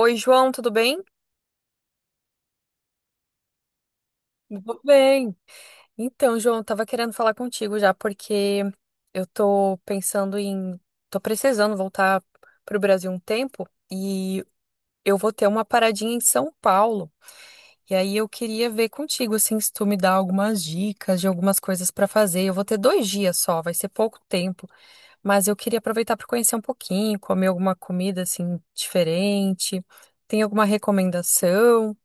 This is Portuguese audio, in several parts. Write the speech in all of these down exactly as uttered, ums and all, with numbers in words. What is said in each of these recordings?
Oi, João, tudo bem? Tudo bem. Então, João, eu tava querendo falar contigo já, porque eu tô pensando em. Tô precisando voltar pro Brasil um tempo e eu vou ter uma paradinha em São Paulo. E aí eu queria ver contigo, assim, se tu me dá algumas dicas de algumas coisas pra fazer. Eu vou ter dois dias só, vai ser pouco tempo, mas eu queria aproveitar pra conhecer um pouquinho, comer alguma comida, assim, diferente. Tem alguma recomendação?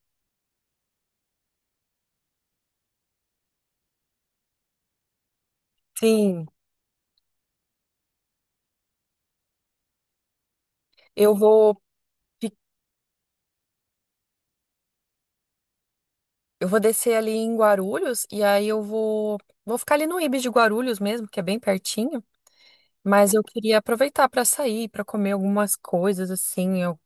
Sim, eu vou. Eu vou descer ali em Guarulhos e aí eu vou vou ficar ali no Ibis de Guarulhos mesmo, que é bem pertinho, mas eu queria aproveitar para sair, para comer algumas coisas assim, eu-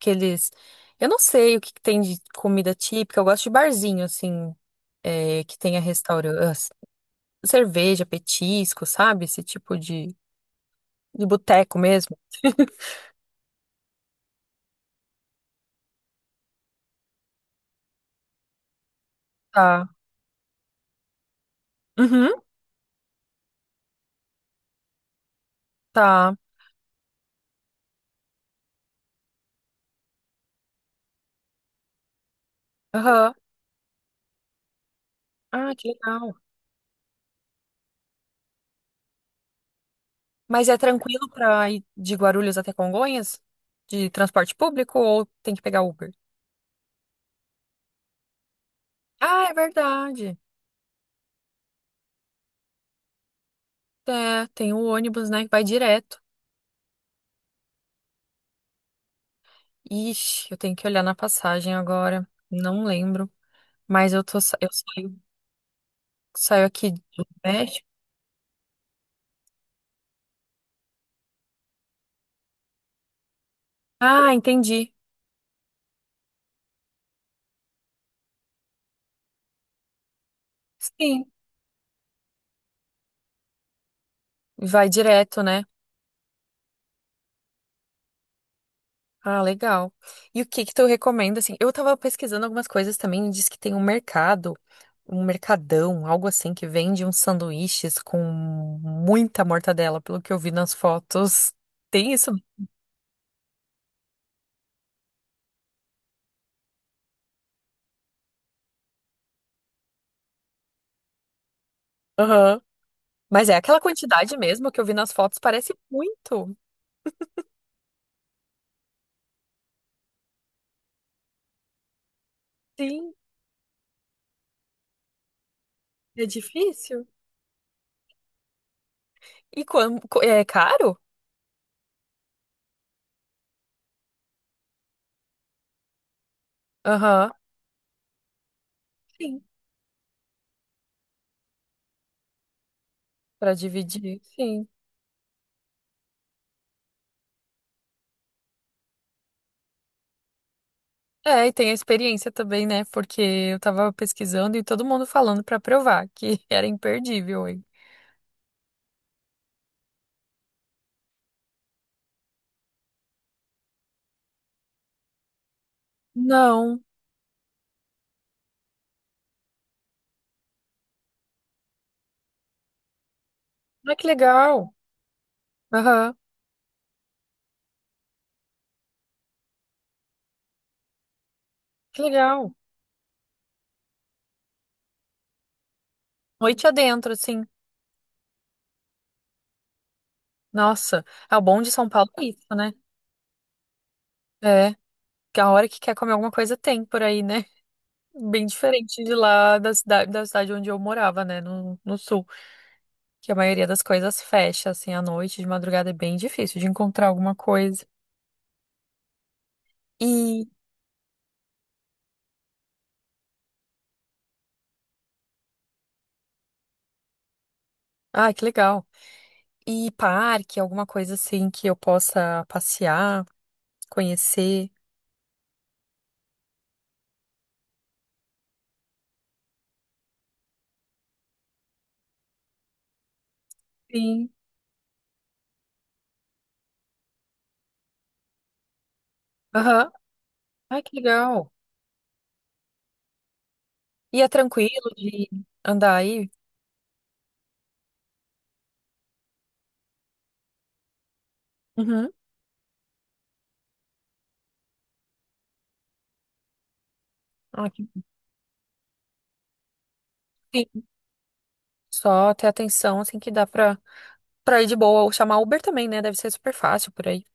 aqueles eu não sei o que que tem de comida típica, eu gosto de barzinho assim, é, que tenha restaurante, cerveja, petisco, sabe? Esse tipo de de boteco mesmo. Tá. Uhum, tá. Aham. Ah, que legal. Mas é tranquilo pra ir de Guarulhos até Congonhas? De transporte público ou tem que pegar Uber? Ah, é verdade. É, tem o ônibus, né, que vai direto. Ixi, eu tenho que olhar na passagem agora. Não lembro. Mas eu tô, sa- eu saio, saio aqui do México. Ah, entendi. Sim, vai direto, né? Ah, legal. E o que que tu recomenda, assim? Eu tava pesquisando algumas coisas também, e diz que tem um mercado, um mercadão, algo assim, que vende uns sanduíches com muita mortadela, pelo que eu vi nas fotos. Tem isso? Aham. Mas é aquela quantidade mesmo que eu vi nas fotos, parece muito. Sim, é difícil. E quando, é caro? Aham. Sim, pra dividir, sim. É, e tem a experiência também, né? Porque eu tava pesquisando e todo mundo falando pra provar que era imperdível, hein? Não. Ah, que legal. Aham, que legal. Noite adentro, assim. Nossa, é o bom de São Paulo é isso, né? É, que a hora que quer comer alguma coisa tem por aí, né? Bem diferente de lá da cidade, da cidade onde eu morava, né? No, no sul, que a maioria das coisas fecha, assim, à noite, de madrugada é bem difícil de encontrar alguma coisa. E, ah, que legal. E parque, alguma coisa assim que eu possa passear, conhecer. Sim. Aham. Ai, que legal. E é tranquilo de andar aí? Uhum. Ah, que- Sim. Só ter atenção, assim, que dá pra, pra ir de boa. Ou chamar Uber também, né? Deve ser super fácil por aí.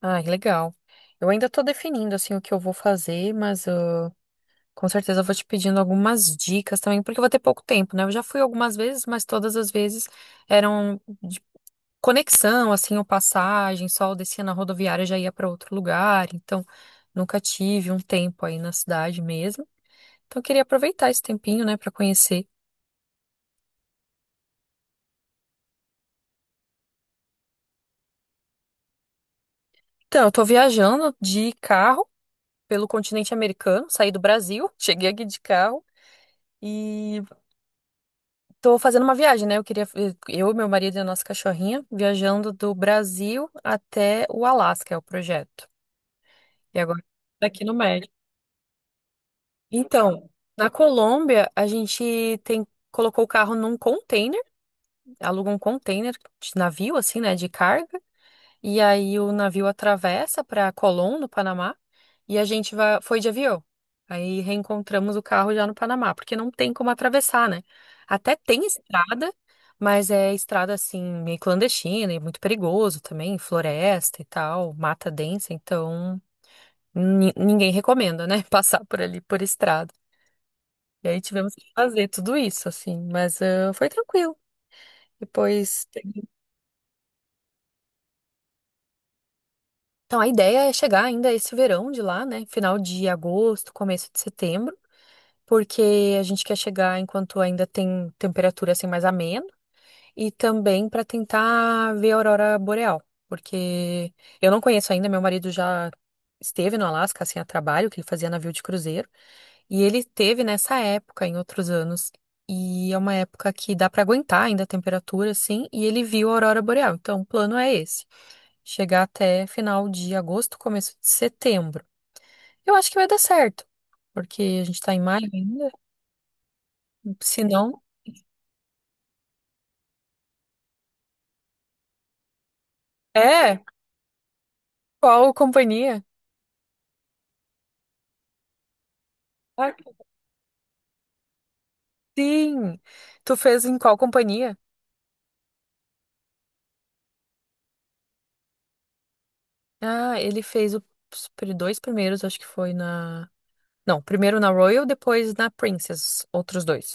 Ai, legal. Eu ainda tô definindo, assim, o que eu vou fazer, mas ah, com certeza eu vou te pedindo algumas dicas também, porque eu vou ter pouco tempo, né? Eu já fui algumas vezes, mas todas as vezes eram conexão, assim, ou passagem, só eu descia na rodoviária e já ia para outro lugar, então nunca tive um tempo aí na cidade mesmo. Então eu queria aproveitar esse tempinho, né, para conhecer. Então, eu tô viajando de carro pelo continente americano, saí do Brasil, cheguei aqui de carro e tô fazendo uma viagem, né? Eu queria eu, meu marido e a nossa cachorrinha viajando do Brasil até o Alasca, é o projeto. E agora tá aqui no México. Então, na Colômbia, a gente tem colocou o carro num container, aluga um container de navio, assim, né, de carga, e aí o navio atravessa para Colón, no Panamá, e a gente vai, foi de avião. Aí reencontramos o carro já no Panamá, porque não tem como atravessar, né? Até tem estrada, mas é estrada assim, meio clandestina e muito perigoso também, floresta e tal, mata densa, então ni- ninguém recomenda, né, passar por ali por estrada. E aí tivemos que fazer tudo isso, assim, mas ah, foi tranquilo. Depois. Então a ideia é chegar ainda esse verão de lá, né? Final de agosto, começo de setembro, porque a gente quer chegar enquanto ainda tem temperatura assim mais ameno e também para tentar ver a aurora boreal, porque eu não conheço ainda, meu marido já esteve no Alasca assim a trabalho, que ele fazia navio de cruzeiro. E ele teve nessa época, em outros anos. E é uma época que dá para aguentar ainda a temperatura, assim, e ele viu a aurora boreal. Então, o plano é esse: chegar até final de agosto, começo de setembro. Eu acho que vai dar certo, porque a gente tá em maio ainda. Se não, é, qual companhia? Ah, sim. Tu fez em qual companhia? Ah, ele fez o- os pri- dois primeiros, acho que foi na. Não, primeiro na Royal, depois na Princess, outros dois.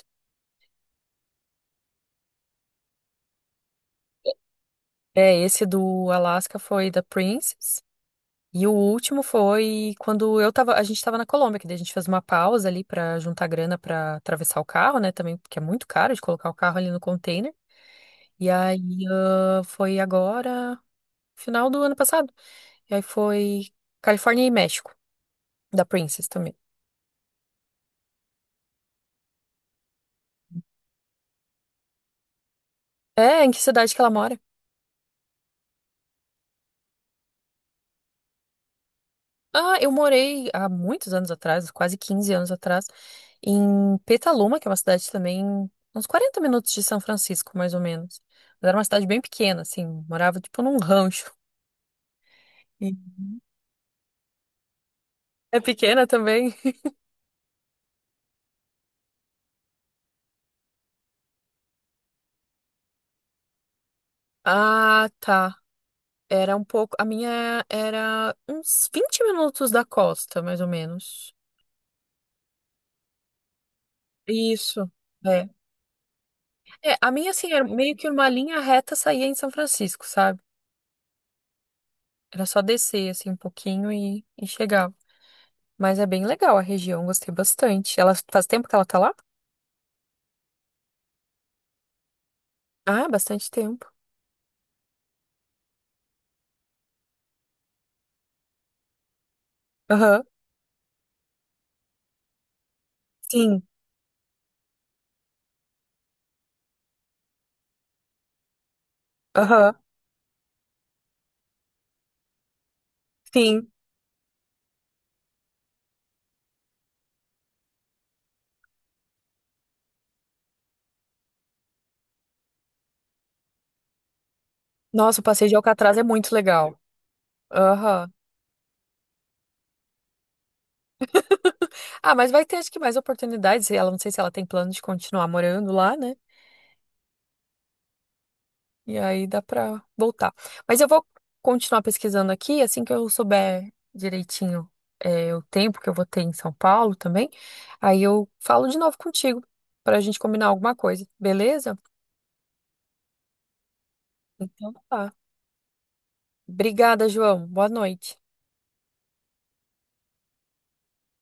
É, esse do Alaska foi da Princess. E o último foi quando eu tava, a gente tava na Colômbia, que daí a gente fez uma pausa ali pra juntar grana pra atravessar o carro, né, também, porque é muito caro de colocar o carro ali no container. E aí ah, foi agora, final do ano passado. E aí foi Califórnia e México, da Princess também. É, em que cidade que ela mora? Ah, eu morei há muitos anos atrás, quase quinze anos atrás, em Petaluma, que é uma cidade também, uns quarenta minutos de São Francisco, mais ou menos. Mas era uma cidade bem pequena, assim, morava tipo num rancho. E É pequena também? Ah, tá. Era um pouco. A minha era uns vinte minutos da costa, mais ou menos. Isso. É. É, a minha, assim, era meio que uma linha reta saía em São Francisco, sabe? Era só descer, assim, um pouquinho e, e chegava. Mas é bem legal a região, gostei bastante. Ela faz tempo que ela tá lá? Ah, bastante tempo. Aham. Sim, aham, sim. Nossa, o passeio de Alcatraz é muito legal. Aham. Ah, mas vai ter acho que mais oportunidades. Ela não sei se ela tem plano de continuar morando lá, né? E aí dá pra voltar. Mas eu vou continuar pesquisando aqui, assim que eu souber direitinho é, o tempo que eu vou ter em São Paulo também. Aí eu falo de novo contigo pra gente combinar alguma coisa, beleza? Então tá. Obrigada, João. Boa noite.